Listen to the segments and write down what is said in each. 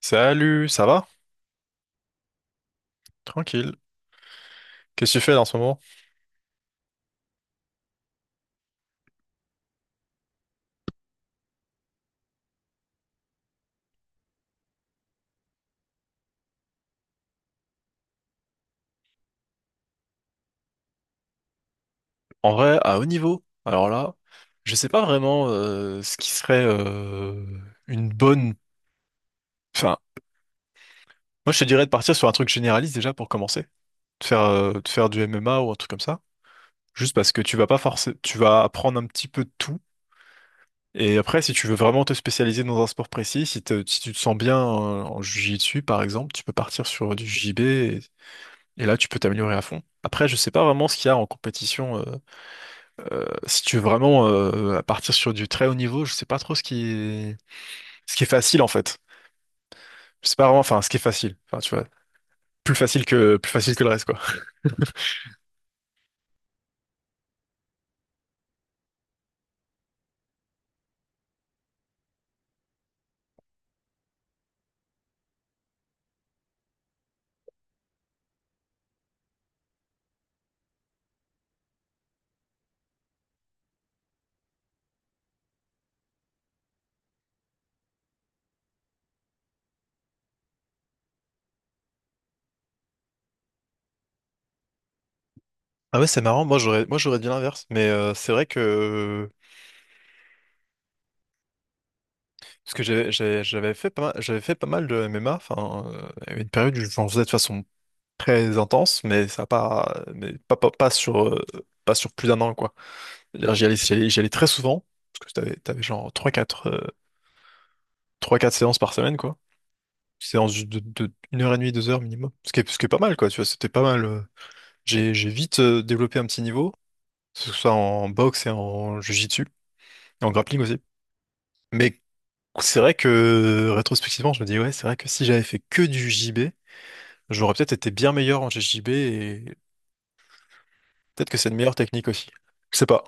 Salut, ça va? Tranquille. Qu'est-ce que tu fais là en ce moment? En vrai, à haut niveau, alors là, je sais pas vraiment ce qui serait une bonne. Enfin, moi je te dirais de partir sur un truc généraliste déjà pour commencer. De faire du MMA ou un truc comme ça. Juste parce que tu vas pas forcer, tu vas apprendre un petit peu de tout. Et après, si tu veux vraiment te spécialiser dans un sport précis, si tu te sens bien en jiu-jitsu par exemple, tu peux partir sur du JB et là tu peux t'améliorer à fond. Après, je sais pas vraiment ce qu'il y a en compétition. Si tu veux vraiment à partir sur du très haut niveau, je sais pas trop ce qui est facile en fait. Je sais pas vraiment, enfin ce qui est facile. Enfin tu vois, plus facile que le reste quoi. Ah ouais, c'est marrant. Moi j'aurais dit l'inverse, mais c'est vrai que parce que j'avais fait pas mal, j'avais fait pas mal de MMA. Enfin il y avait une période où j'en faisais de façon très intense, mais pas sur plus d'un an quoi. C'est-à-dire, j'y allais très souvent parce que t'avais genre trois 4 séances par semaine quoi. Séance de une heure et demie, deux heures minimum. Ce qui est pas mal, quoi, tu vois, c'était pas mal. J'ai vite développé un petit niveau, que ce soit en boxe et en jiu-jitsu, et en grappling aussi. Mais c'est vrai que, rétrospectivement, je me dis, ouais, c'est vrai que si j'avais fait que du JB, j'aurais peut-être été bien meilleur en JJB et peut-être que c'est une meilleure technique aussi. Je sais pas.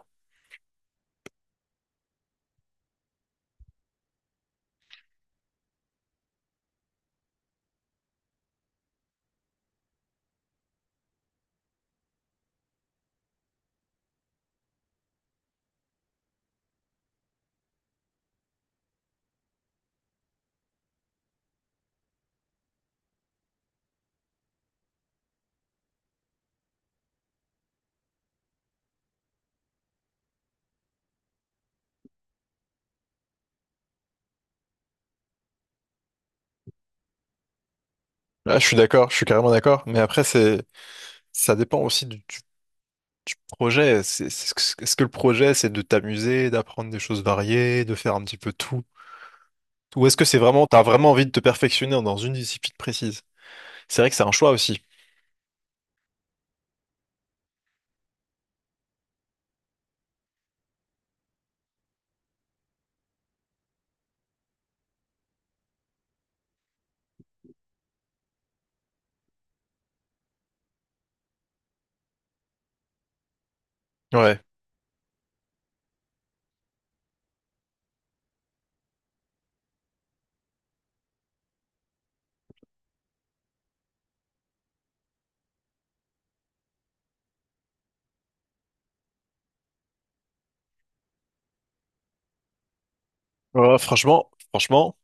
Là, je suis d'accord, je suis carrément d'accord. Mais après, ça dépend aussi du projet. Est-ce que le projet, c'est de t'amuser, d'apprendre des choses variées, de faire un petit peu tout? Ou est-ce que t'as vraiment envie de te perfectionner dans une discipline précise? C'est vrai que c'est un choix aussi. Ouais. Ouais, franchement,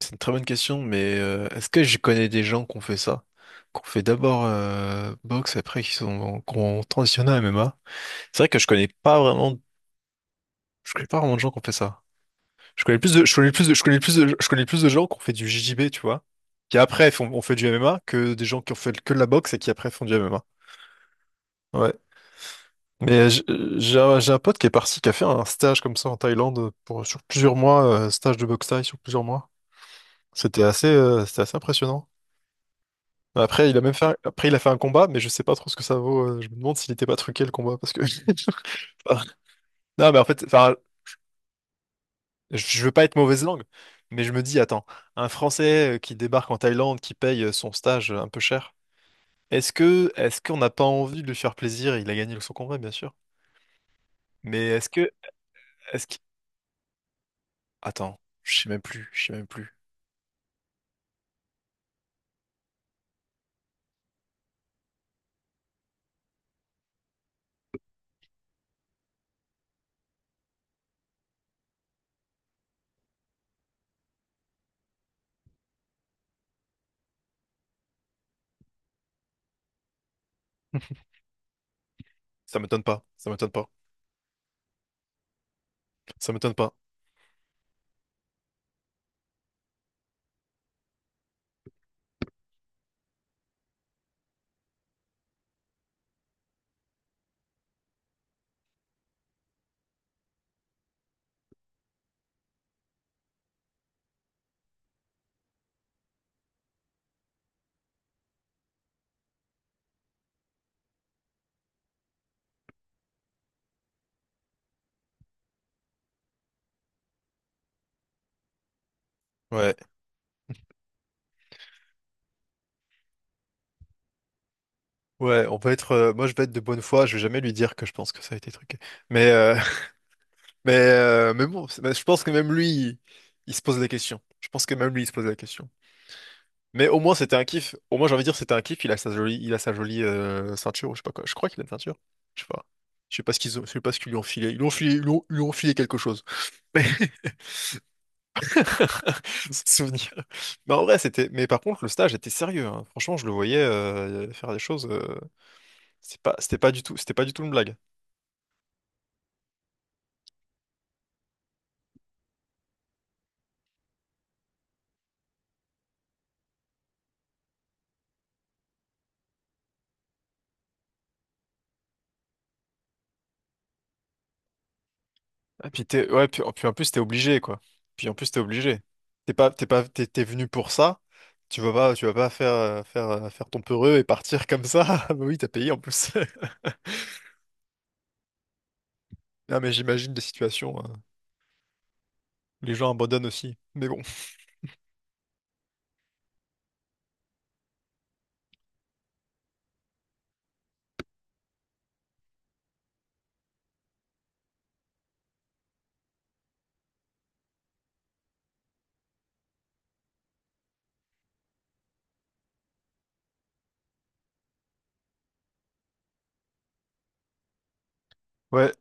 c'est une très bonne question, mais est-ce que je connais des gens qui ont fait ça? Qu'on fait d'abord boxe, après qui ont transitionné à MMA. C'est vrai que je connais pas vraiment de gens qui ont fait ça. Je connais plus de gens qui ont fait du JJB, tu vois, qui après ont fait du MMA que des gens qui ont fait que de la boxe et qui après font du MMA. Ouais. Mais j'ai un pote qui est parti, qui a fait un stage comme ça en Thaïlande sur plusieurs mois, stage de boxe thaï sur plusieurs mois. C'était assez impressionnant. Après, il a même fait, un- après, il a fait un combat, mais je sais pas trop ce que ça vaut. Je me demande s'il n'était pas truqué le combat parce que. Non, mais en fait, enfin, je veux pas être mauvaise langue, mais je me dis, attends, un Français qui débarque en Thaïlande, qui paye son stage un peu cher, est-ce qu'on n'a pas envie de lui faire plaisir? Il a gagné son combat, bien sûr. Mais est-ce que. Attends, je sais même plus. Ça m'étonne pas, ça m'étonne pas, ça m'étonne pas. Ouais, ouais, moi je vais être de bonne foi, je vais jamais lui dire que je pense que ça a été truqué. Mais, mais bon, mais je pense que même lui, il se pose la question. Je pense que même lui, il se pose la question. Mais au moins c'était un kiff. Au moins j'ai envie de dire c'était un kiff. Il a sa jolie ceinture, ou je sais pas quoi. Je crois qu'il a une ceinture. Je sais pas. Je sais pas ce qu'ils lui ont filé. Ils lui ont filé quelque chose. Mais souvenir. Mais en vrai c'était. Mais par contre le stage était sérieux, hein. Franchement je le voyais faire des choses. C'était pas du tout une blague. Ah, ouais, puis en plus t'es obligé quoi. Puis en plus t'es obligé. T'es pas, t'es pas, t'es, t'es venu pour ça. Tu vas pas faire ton peureux et partir comme ça. Ah, bah oui, t'as payé en plus. Non mais j'imagine des situations, où les gens abandonnent aussi. Mais bon. Ouais,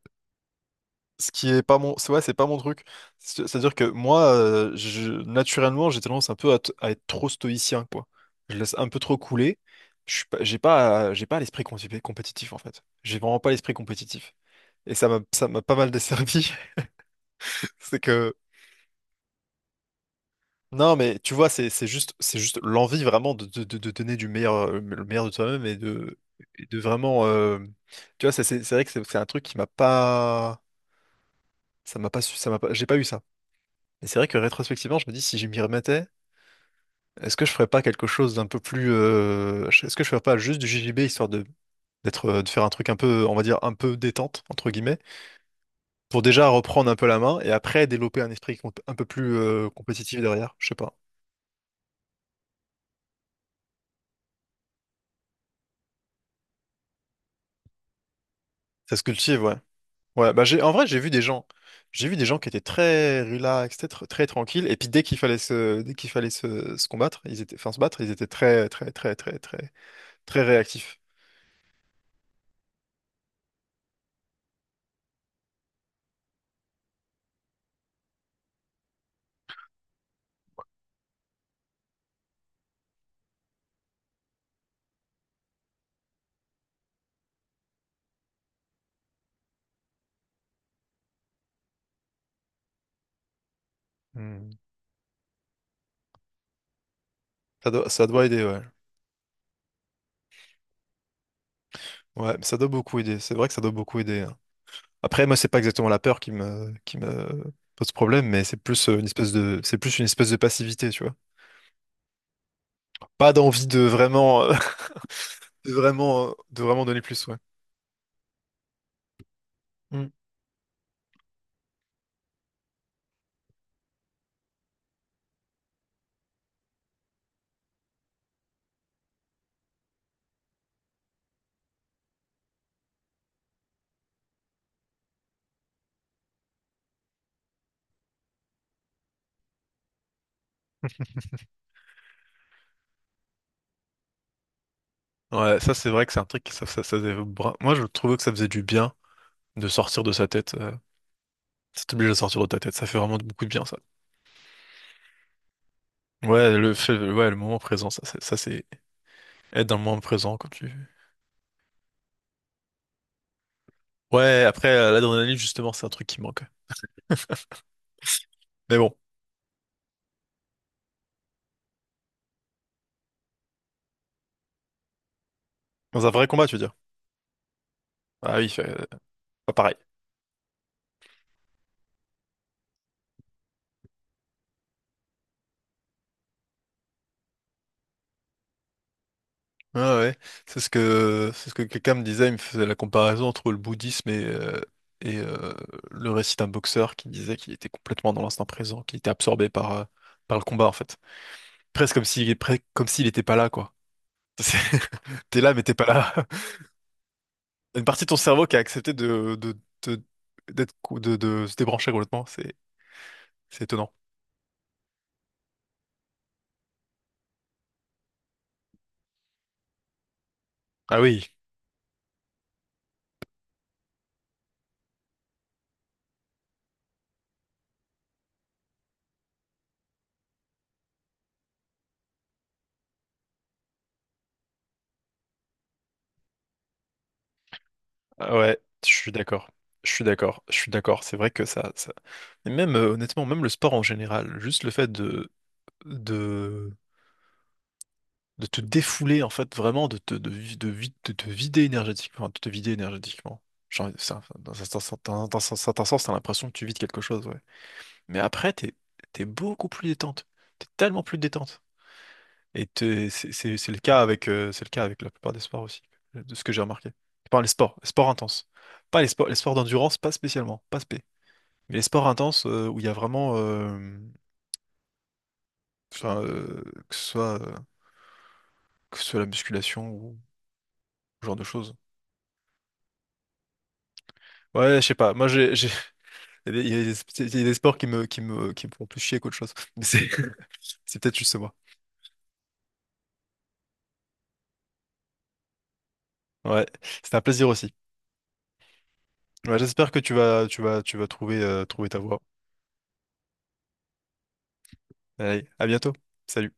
ce qui est pas mon, c'est ouais, c'est pas mon truc. C'est-à-dire que moi, je, naturellement, j'ai tendance un peu à être trop stoïcien, quoi. Je laisse un peu trop couler. Je suis pas, j'ai pas, j'ai pas l'esprit compétitif, en fait. J'ai vraiment pas l'esprit compétitif. Et ça m'a pas mal desservi. C'est que, non, mais tu vois, c'est juste l'envie vraiment de, de donner du meilleur, le meilleur de toi-même et et de vraiment, tu vois, ça, c'est vrai que c'est un truc qui m'a pas, ça m'a pas, j'ai pas eu ça. Et c'est vrai que rétrospectivement, je me dis, si je m'y remettais, est-ce que je ferais pas quelque chose d'un peu plus. Est-ce que je ferais pas juste du JJB, histoire de d'être, de faire un truc un peu, on va dire, un peu détente, entre guillemets, pour déjà reprendre un peu la main et après développer un esprit un peu plus compétitif derrière, je sais pas. Ça se cultive, ouais. Ouais, bah en vrai, j'ai vu des gens qui étaient très relax, très, très tranquilles, et puis dès qu'il fallait se combattre, ils étaient, enfin se battre, ils étaient très, très, très, très, très, très réactifs. Hmm. Ça doit aider, ouais. Ouais, ça doit beaucoup aider. C'est vrai que ça doit beaucoup aider, hein. Après, moi, c'est pas exactement la peur qui me pose problème, mais c'est plus une espèce de passivité, tu vois. Pas d'envie de de vraiment donner plus, ouais. Hmm. Ouais, ça, c'est vrai que c'est un truc qui, ça faisait bra- Moi, je trouvais que ça faisait du bien. De sortir de sa tête. Ça t'oblige à sortir de ta tête. Ça fait vraiment beaucoup de bien, ça. Ouais, ouais, le moment présent, ça, c'est, être dans le moment présent quand tu. Ouais, après, l'adrénaline, justement, c'est un truc qui manque. Mais bon, dans un vrai combat, tu veux dire. Ah oui, pas pareil. Ah ouais, c'est ce que quelqu'un me disait, il me faisait la comparaison entre le bouddhisme et le récit d'un boxeur qui disait qu'il était complètement dans l'instant présent, qu'il était absorbé par le combat, en fait. Presque comme s'il était pas là, quoi. C'est- T'es là, mais t'es pas là. Une partie de ton cerveau qui a accepté de, d'être, cou- de se débrancher complètement. C'est étonnant. Ah oui, ah ouais, je suis d'accord. Je suis d'accord, je suis d'accord. C'est vrai que ça, ça. Et même, honnêtement, même le sport en général, juste le fait de, de te défouler, en fait, vraiment, de te vider énergétiquement, enfin, de te vider énergétiquement. Genre, dans un certain sens, t'as l'impression que tu vides quelque chose, ouais. Mais après, t'es beaucoup plus détente. T'es tellement plus détente. Et C'est le cas avec, c'est le cas avec la plupart des sports aussi, de ce que j'ai remarqué. Je les sports intenses. Pas les sports d'endurance, pas spécialement, pas spé. Mais les sports intenses où il y a vraiment, enfin, que ce soit, euh, que ce soit la musculation ou ce genre de choses. Ouais, je sais pas. Moi, il y a des, il y a des il y a des sports qui me font plus chier qu'autre chose. Mais c'est peut-être juste moi. Ouais, c'était un plaisir aussi. Ouais, j'espère que tu vas trouver ta voie. Allez, à bientôt. Salut.